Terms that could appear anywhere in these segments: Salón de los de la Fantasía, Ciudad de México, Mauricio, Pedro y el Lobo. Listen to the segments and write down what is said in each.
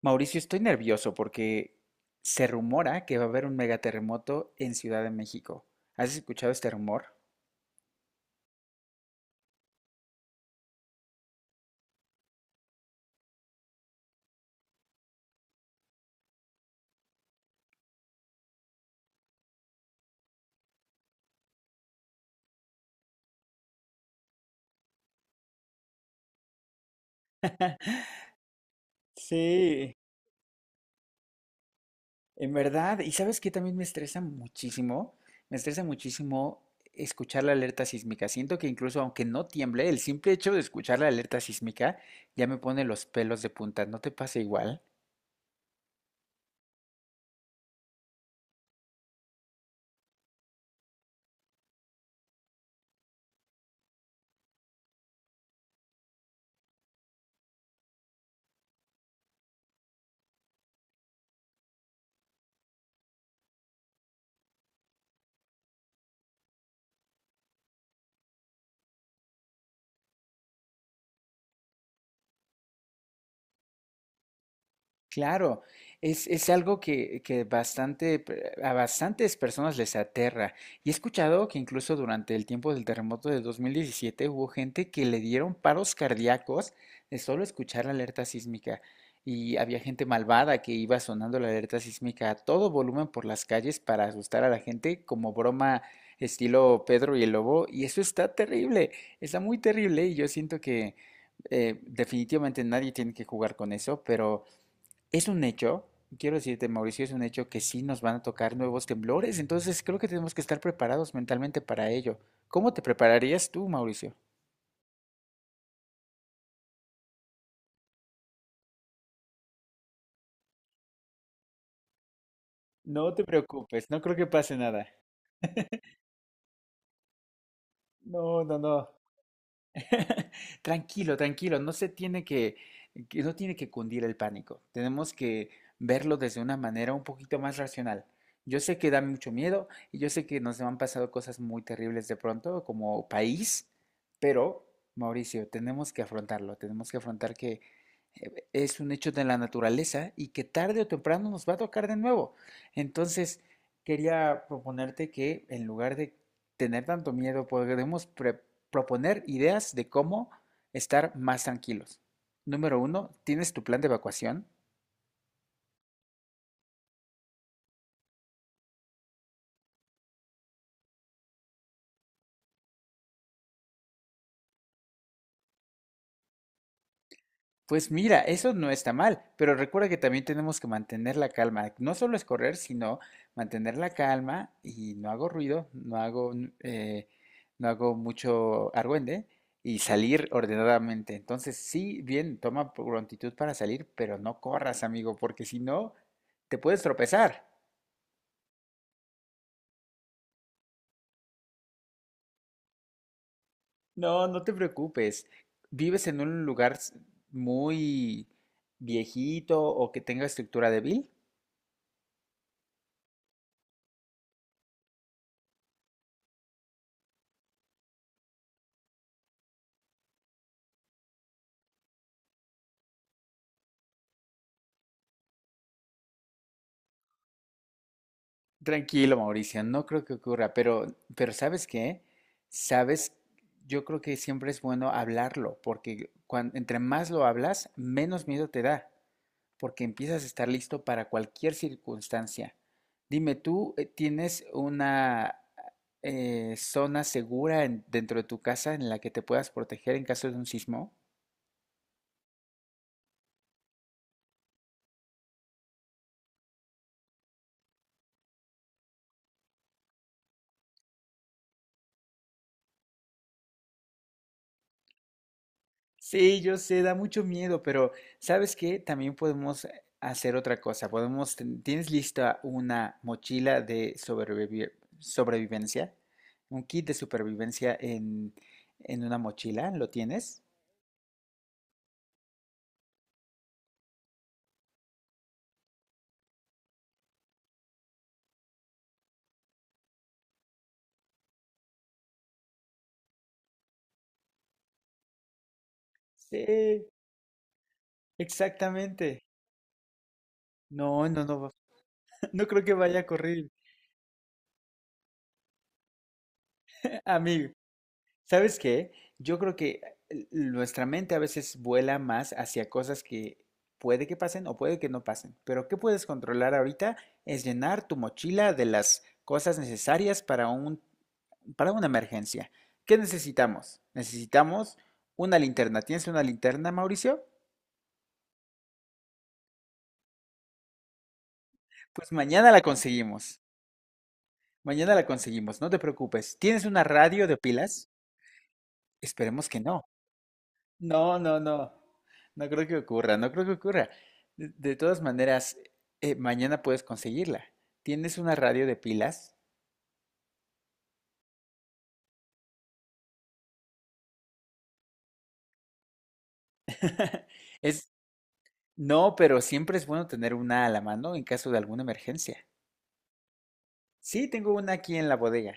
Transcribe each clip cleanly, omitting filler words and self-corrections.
Mauricio, estoy nervioso porque se rumora que va a haber un megaterremoto en Ciudad de México. ¿Has escuchado este rumor? Sí, en verdad, y sabes qué también me estresa muchísimo escuchar la alerta sísmica. Siento que incluso aunque no tiemble, el simple hecho de escuchar la alerta sísmica ya me pone los pelos de punta. ¿No te pasa igual? Claro, es algo que bastante, a bastantes personas les aterra. Y he escuchado que incluso durante el tiempo del terremoto de 2017 hubo gente que le dieron paros cardíacos de solo escuchar la alerta sísmica. Y había gente malvada que iba sonando la alerta sísmica a todo volumen por las calles para asustar a la gente como broma estilo Pedro y el Lobo. Y eso está terrible, está muy terrible y yo siento que definitivamente nadie tiene que jugar con eso, pero... Es un hecho, quiero decirte, Mauricio, es un hecho que sí nos van a tocar nuevos temblores, entonces creo que tenemos que estar preparados mentalmente para ello. ¿Cómo te prepararías tú, Mauricio? No te preocupes, no creo que pase nada. No, no, no. Tranquilo, tranquilo, no se tiene no tiene que cundir el pánico. Tenemos que verlo desde una manera un poquito más racional. Yo sé que da mucho miedo y yo sé que nos han pasado cosas muy terribles de pronto como país, pero Mauricio, tenemos que afrontarlo, tenemos que afrontar que es un hecho de la naturaleza y que tarde o temprano nos va a tocar de nuevo. Entonces, quería proponerte que en lugar de tener tanto miedo, podemos proponer ideas de cómo estar más tranquilos. Número uno, ¿tienes tu plan de evacuación? Pues mira, eso no está mal, pero recuerda que también tenemos que mantener la calma. No solo es correr, sino mantener la calma y no hago ruido, no hago, no hago mucho argüende y salir ordenadamente. Entonces, sí, bien, toma prontitud para salir, pero no corras, amigo, porque si no, te puedes tropezar. No, no te preocupes. ¿Vives en un lugar muy viejito o que tenga estructura débil? Tranquilo, Mauricio, no creo que ocurra, pero ¿sabes qué? Sabes, yo creo que siempre es bueno hablarlo, porque entre más lo hablas, menos miedo te da, porque empiezas a estar listo para cualquier circunstancia. Dime, ¿tú tienes una zona segura dentro de tu casa en la que te puedas proteger en caso de un sismo? Sí, yo sé, da mucho miedo, pero ¿sabes qué? También podemos hacer otra cosa. Podemos, ¿tienes lista una mochila de sobrevivencia? Un kit de supervivencia en una mochila, ¿lo tienes? Sí, exactamente. No, no, no, no creo que vaya a correr, amigo. ¿Sabes qué? Yo creo que nuestra mente a veces vuela más hacia cosas que puede que pasen o puede que no pasen. Pero ¿qué puedes controlar ahorita? Es llenar tu mochila de las cosas necesarias para una emergencia. ¿Qué necesitamos? Necesitamos una linterna. ¿Tienes una linterna, Mauricio? Pues mañana la conseguimos. Mañana la conseguimos, no te preocupes. ¿Tienes una radio de pilas? Esperemos que no. No, no, no. No creo que ocurra, no creo que ocurra. De todas maneras, mañana puedes conseguirla. ¿Tienes una radio de pilas? Es, no, pero siempre es bueno tener una a la mano en caso de alguna emergencia. Sí, tengo una aquí en la bodega.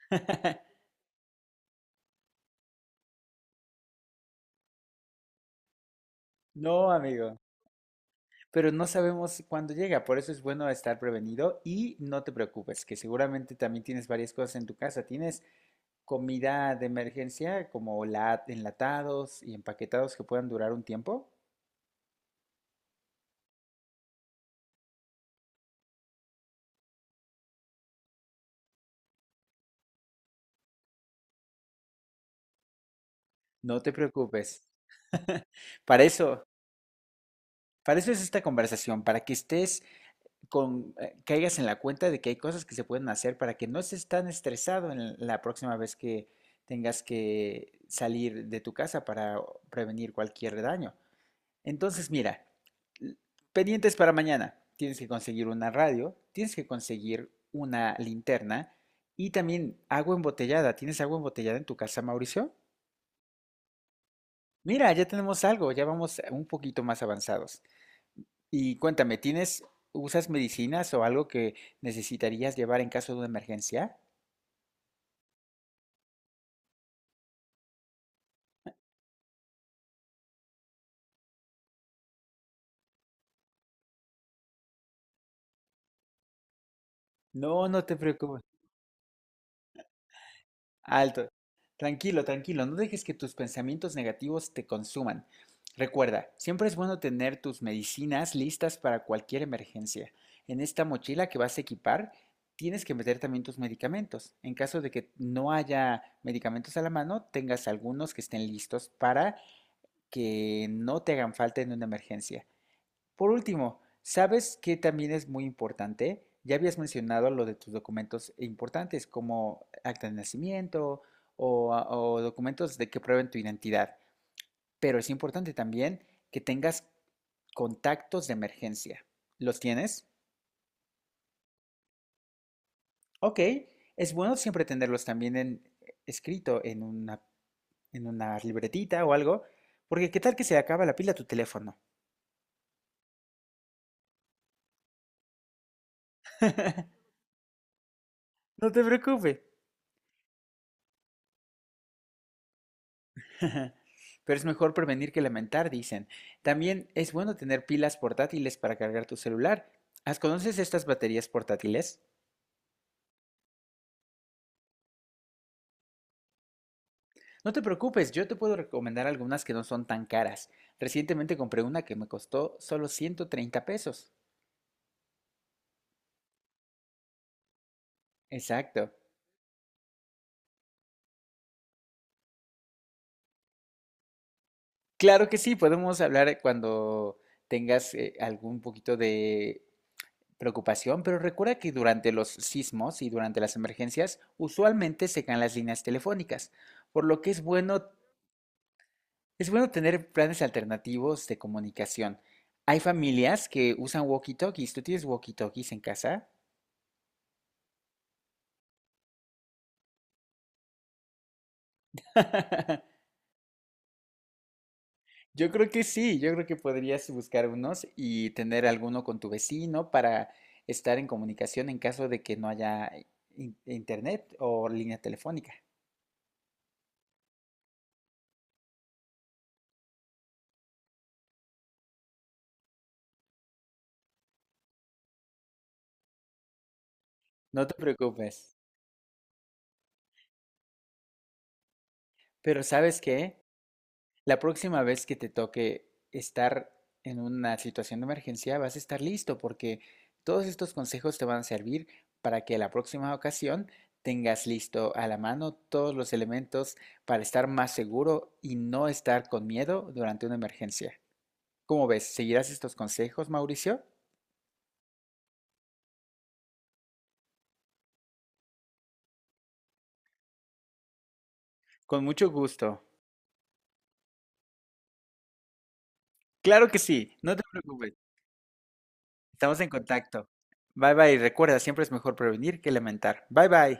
No, amigo, pero no sabemos cuándo llega, por eso es bueno estar prevenido y no te preocupes, que seguramente también tienes varias cosas en tu casa. Tienes comida de emergencia, como enlatados y empaquetados que puedan durar un tiempo, no te preocupes. Para eso, para eso es esta conversación, para que estés caigas en la cuenta de que hay cosas que se pueden hacer para que no estés tan estresado en la próxima vez que tengas que salir de tu casa para prevenir cualquier daño. Entonces, mira, pendientes para mañana. Tienes que conseguir una radio, tienes que conseguir una linterna y también agua embotellada. ¿Tienes agua embotellada en tu casa, Mauricio? Mira, ya tenemos algo, ya vamos un poquito más avanzados. Y cuéntame, ¿tienes, usas medicinas o algo que necesitarías llevar en caso de una emergencia? No, no te preocupes. Alto. Tranquilo, tranquilo, no dejes que tus pensamientos negativos te consuman. Recuerda, siempre es bueno tener tus medicinas listas para cualquier emergencia. En esta mochila que vas a equipar, tienes que meter también tus medicamentos. En caso de que no haya medicamentos a la mano, tengas algunos que estén listos para que no te hagan falta en una emergencia. Por último, ¿sabes qué también es muy importante? Ya habías mencionado lo de tus documentos importantes, como acta de nacimiento o, ah, o documentos de que prueben tu identidad, pero es importante también que tengas contactos de emergencia. ¿Los tienes? Ok, es bueno siempre tenerlos también en, escrito en una libretita o algo, porque qué tal que se acaba la pila de tu teléfono. No te preocupes. Pero es mejor prevenir que lamentar, dicen. También es bueno tener pilas portátiles para cargar tu celular. ¿Las ¿Conoces estas baterías portátiles? No te preocupes, yo te puedo recomendar algunas que no son tan caras. Recientemente compré una que me costó solo 130 pesos. Exacto. Claro que sí, podemos hablar cuando tengas algún poquito de preocupación, pero recuerda que durante los sismos y durante las emergencias usualmente se caen las líneas telefónicas, por lo que es bueno. Es bueno tener planes alternativos de comunicación. Hay familias que usan walkie-talkies. ¿Tú tienes walkie-talkies en casa? Yo creo que sí, yo creo que podrías buscar unos y tener alguno con tu vecino para estar en comunicación en caso de que no haya internet o línea telefónica. No te preocupes. Pero ¿sabes qué? La próxima vez que te toque estar en una situación de emergencia, vas a estar listo porque todos estos consejos te van a servir para que la próxima ocasión tengas listo a la mano todos los elementos para estar más seguro y no estar con miedo durante una emergencia. ¿Cómo ves? ¿Seguirás estos consejos, Mauricio? Con mucho gusto. Claro que sí, no te preocupes. Estamos en contacto. Bye bye. Recuerda, siempre es mejor prevenir que lamentar. Bye bye.